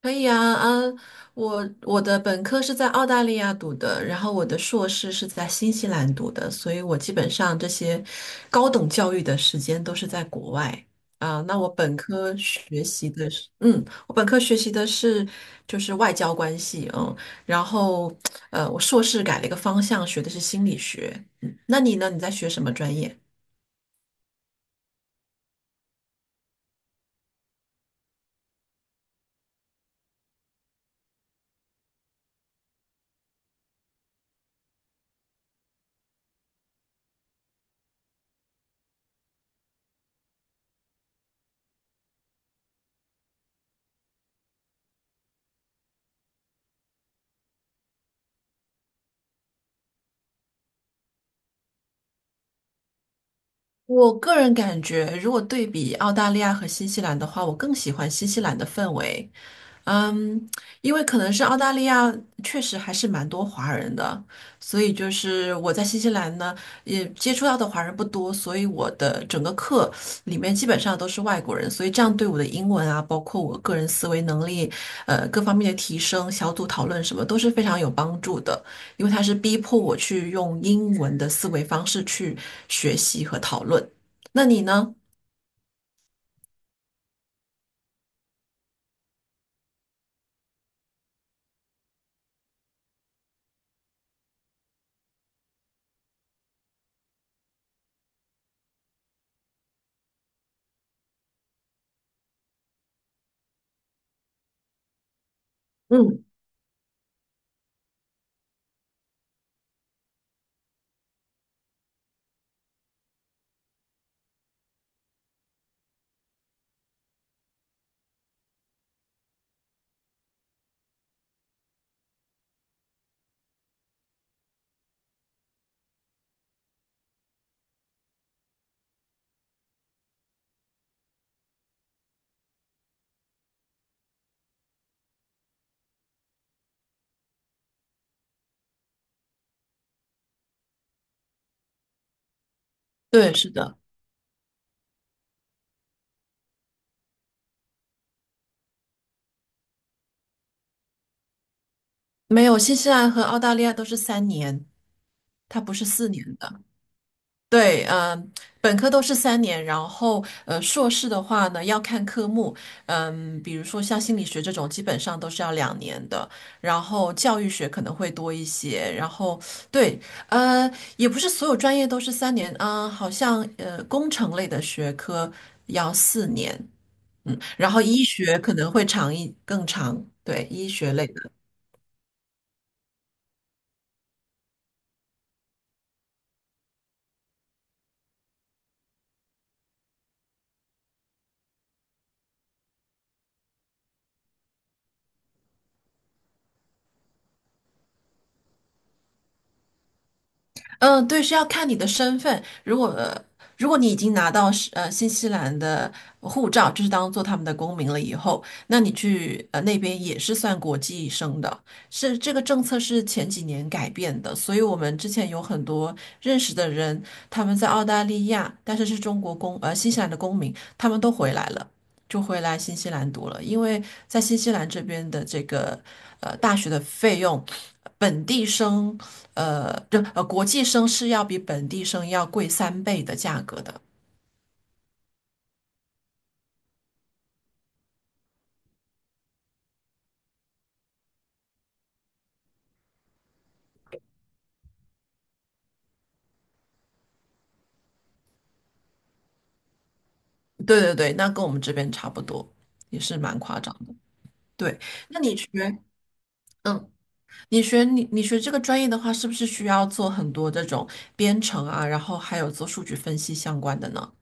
可以啊，我的本科是在澳大利亚读的，然后我的硕士是在新西兰读的，所以我基本上这些高等教育的时间都是在国外啊。那我本科学习的是就是外交关系，嗯，然后我硕士改了一个方向，学的是心理学。嗯，那你呢？你在学什么专业？我个人感觉，如果对比澳大利亚和新西兰的话，我更喜欢新西兰的氛围。嗯，因为可能是澳大利亚确实还是蛮多华人的，所以就是我在新西兰呢，也接触到的华人不多，所以我的整个课里面基本上都是外国人，所以这样对我的英文啊，包括我个人思维能力，各方面的提升、小组讨论什么都是非常有帮助的，因为它是逼迫我去用英文的思维方式去学习和讨论。那你呢？嗯，对，是的，没有，新西兰和澳大利亚都是三年。它不是四年的，对，本科都是三年，然后硕士的话呢要看科目，比如说像心理学这种，基本上都是要2年的，然后教育学可能会多一些，然后对，呃，也不是所有专业都是三年啊、好像工程类的学科要四年，然后医学可能会长一更长，对，医学类的。嗯，对，是要看你的身份。如果你已经拿到是新西兰的护照，就是当做他们的公民了以后，那你去那边也是算国际生的。是这个政策是前几年改变的，所以我们之前有很多认识的人，他们在澳大利亚，但是是中国公呃新西兰的公民，他们都回来了，就回来新西兰读了，因为在新西兰这边的这个大学的费用。本地生呃，就呃国际生是要比本地生要贵3倍的价格的。对对对，那跟我们这边差不多，也是蛮夸张的。对，那你学，嗯，你学这个专业的话，是不是需要做很多这种编程啊，然后还有做数据分析相关的呢？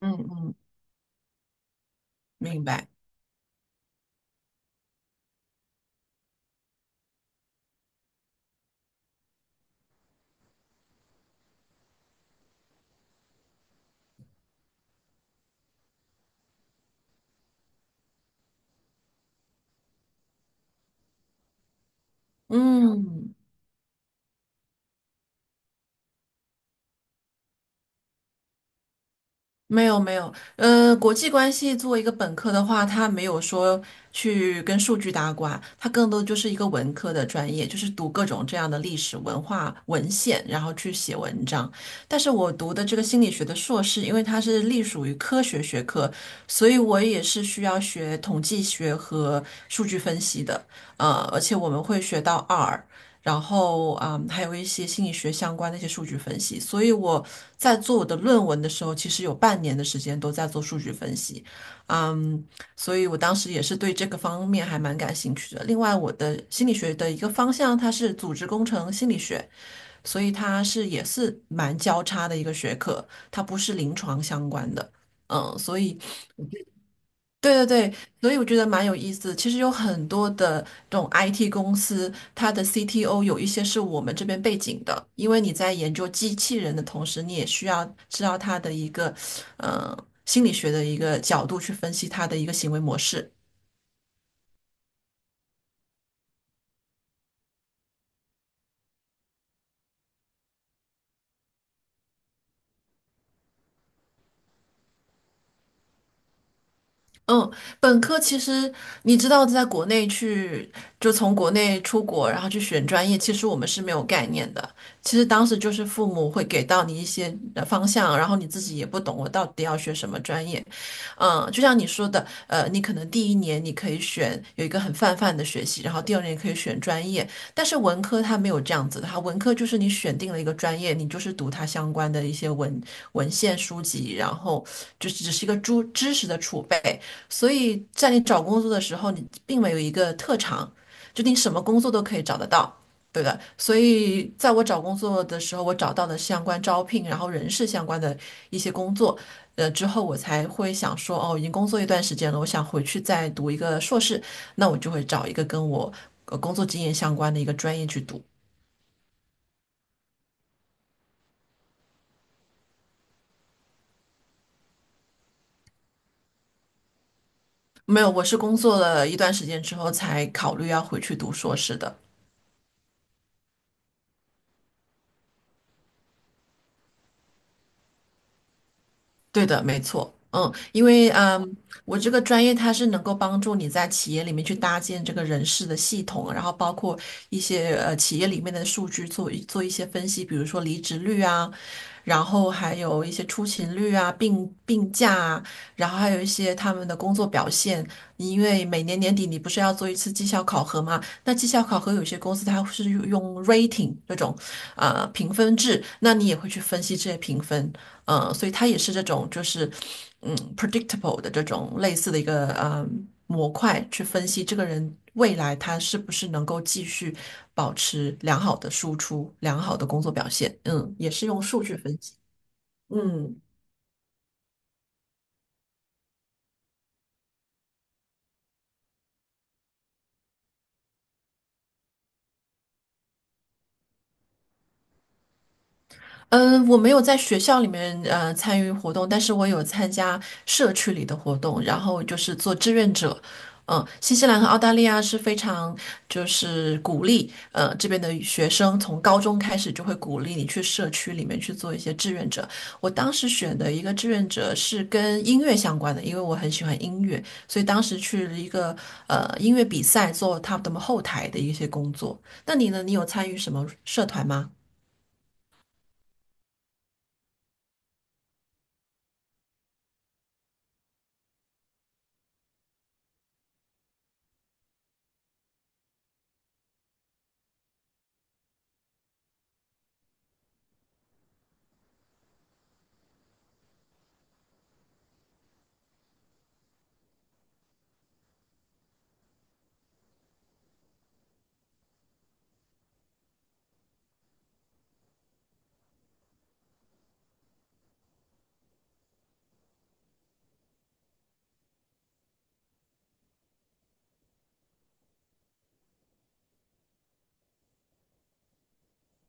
嗯嗯，明白。嗯。没有没有，国际关系作为一个本科的话，它没有说去跟数据搭挂，它更多就是一个文科的专业，就是读各种这样的历史文化文献，然后去写文章。但是我读的这个心理学的硕士，因为它是隶属于科学学科，所以我也是需要学统计学和数据分析的，而且我们会学到 R，然后还有一些心理学相关的一些数据分析。所以我在做我的论文的时候，其实有半年的时间都在做数据分析，嗯，所以我当时也是对这个方面还蛮感兴趣的。另外，我的心理学的一个方向，它是组织工程心理学，所以它是也是蛮交叉的一个学科，它不是临床相关的。所以对对对，所以我觉得蛮有意思的。其实有很多的这种 IT 公司，它的 CTO 有一些是我们这边背景的，因为你在研究机器人的同时，你也需要知道它的一个呃心理学的一个角度去分析它的一个行为模式。嗯，本科其实你知道，在国内去就从国内出国，然后去选专业，其实我们是没有概念的。其实当时就是父母会给到你一些方向，然后你自己也不懂我到底要学什么专业。就像你说的，你可能第一年你可以选有一个很泛泛的学习，然后第二年可以选专业，但是文科它没有这样子的，它文科就是你选定了一个专业，你就是读它相关的一些文献书籍，然后就是只是一个知识的储备，所以在你找工作的时候，你并没有一个特长，就你什么工作都可以找得到。对的，所以在我找工作的时候，我找到了相关招聘，然后人事相关的一些工作，之后我才会想说，哦，已经工作一段时间了，我想回去再读一个硕士，那我就会找一个跟我工作经验相关的一个专业去读。没有，我是工作了一段时间之后才考虑要回去读硕士的。对的，没错，因为我这个专业它是能够帮助你在企业里面去搭建这个人事的系统，然后包括一些企业里面的数据做一些分析，比如说离职率啊，然后还有一些出勤率啊、病假啊，然后还有一些他们的工作表现。因为每年年底你不是要做一次绩效考核吗？那绩效考核有些公司它是用 rating 这种评分制，那你也会去分析这些评分。所以它也是这种就是predictable 的这种类似的一个模块去分析这个人未来他是不是能够继续保持良好的输出、良好的工作表现。嗯，也是用数据分析。嗯。嗯，我没有在学校里面参与活动，但是我有参加社区里的活动，然后就是做志愿者。新西兰和澳大利亚是非常就是鼓励这边的学生从高中开始就会鼓励你去社区里面去做一些志愿者。我当时选的一个志愿者是跟音乐相关的，因为我很喜欢音乐，所以当时去了一个音乐比赛做他们后台的一些工作。那你呢？你有参与什么社团吗？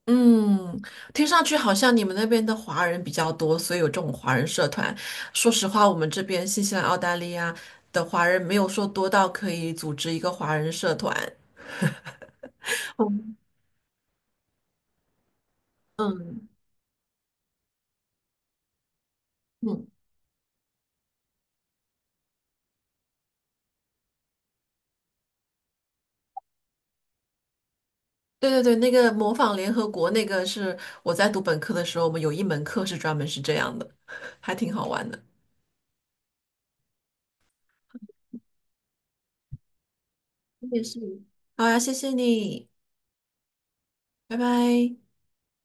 嗯，听上去好像你们那边的华人比较多，所以有这种华人社团。说实话，我们这边新西兰、澳大利亚的华人没有说多到可以组织一个华人社团。嗯嗯嗯，对对对，那个模仿联合国那个是我在读本科的时候，我们有一门课是专门是这样的，还挺好玩的。我也是。好呀，谢谢你，拜拜。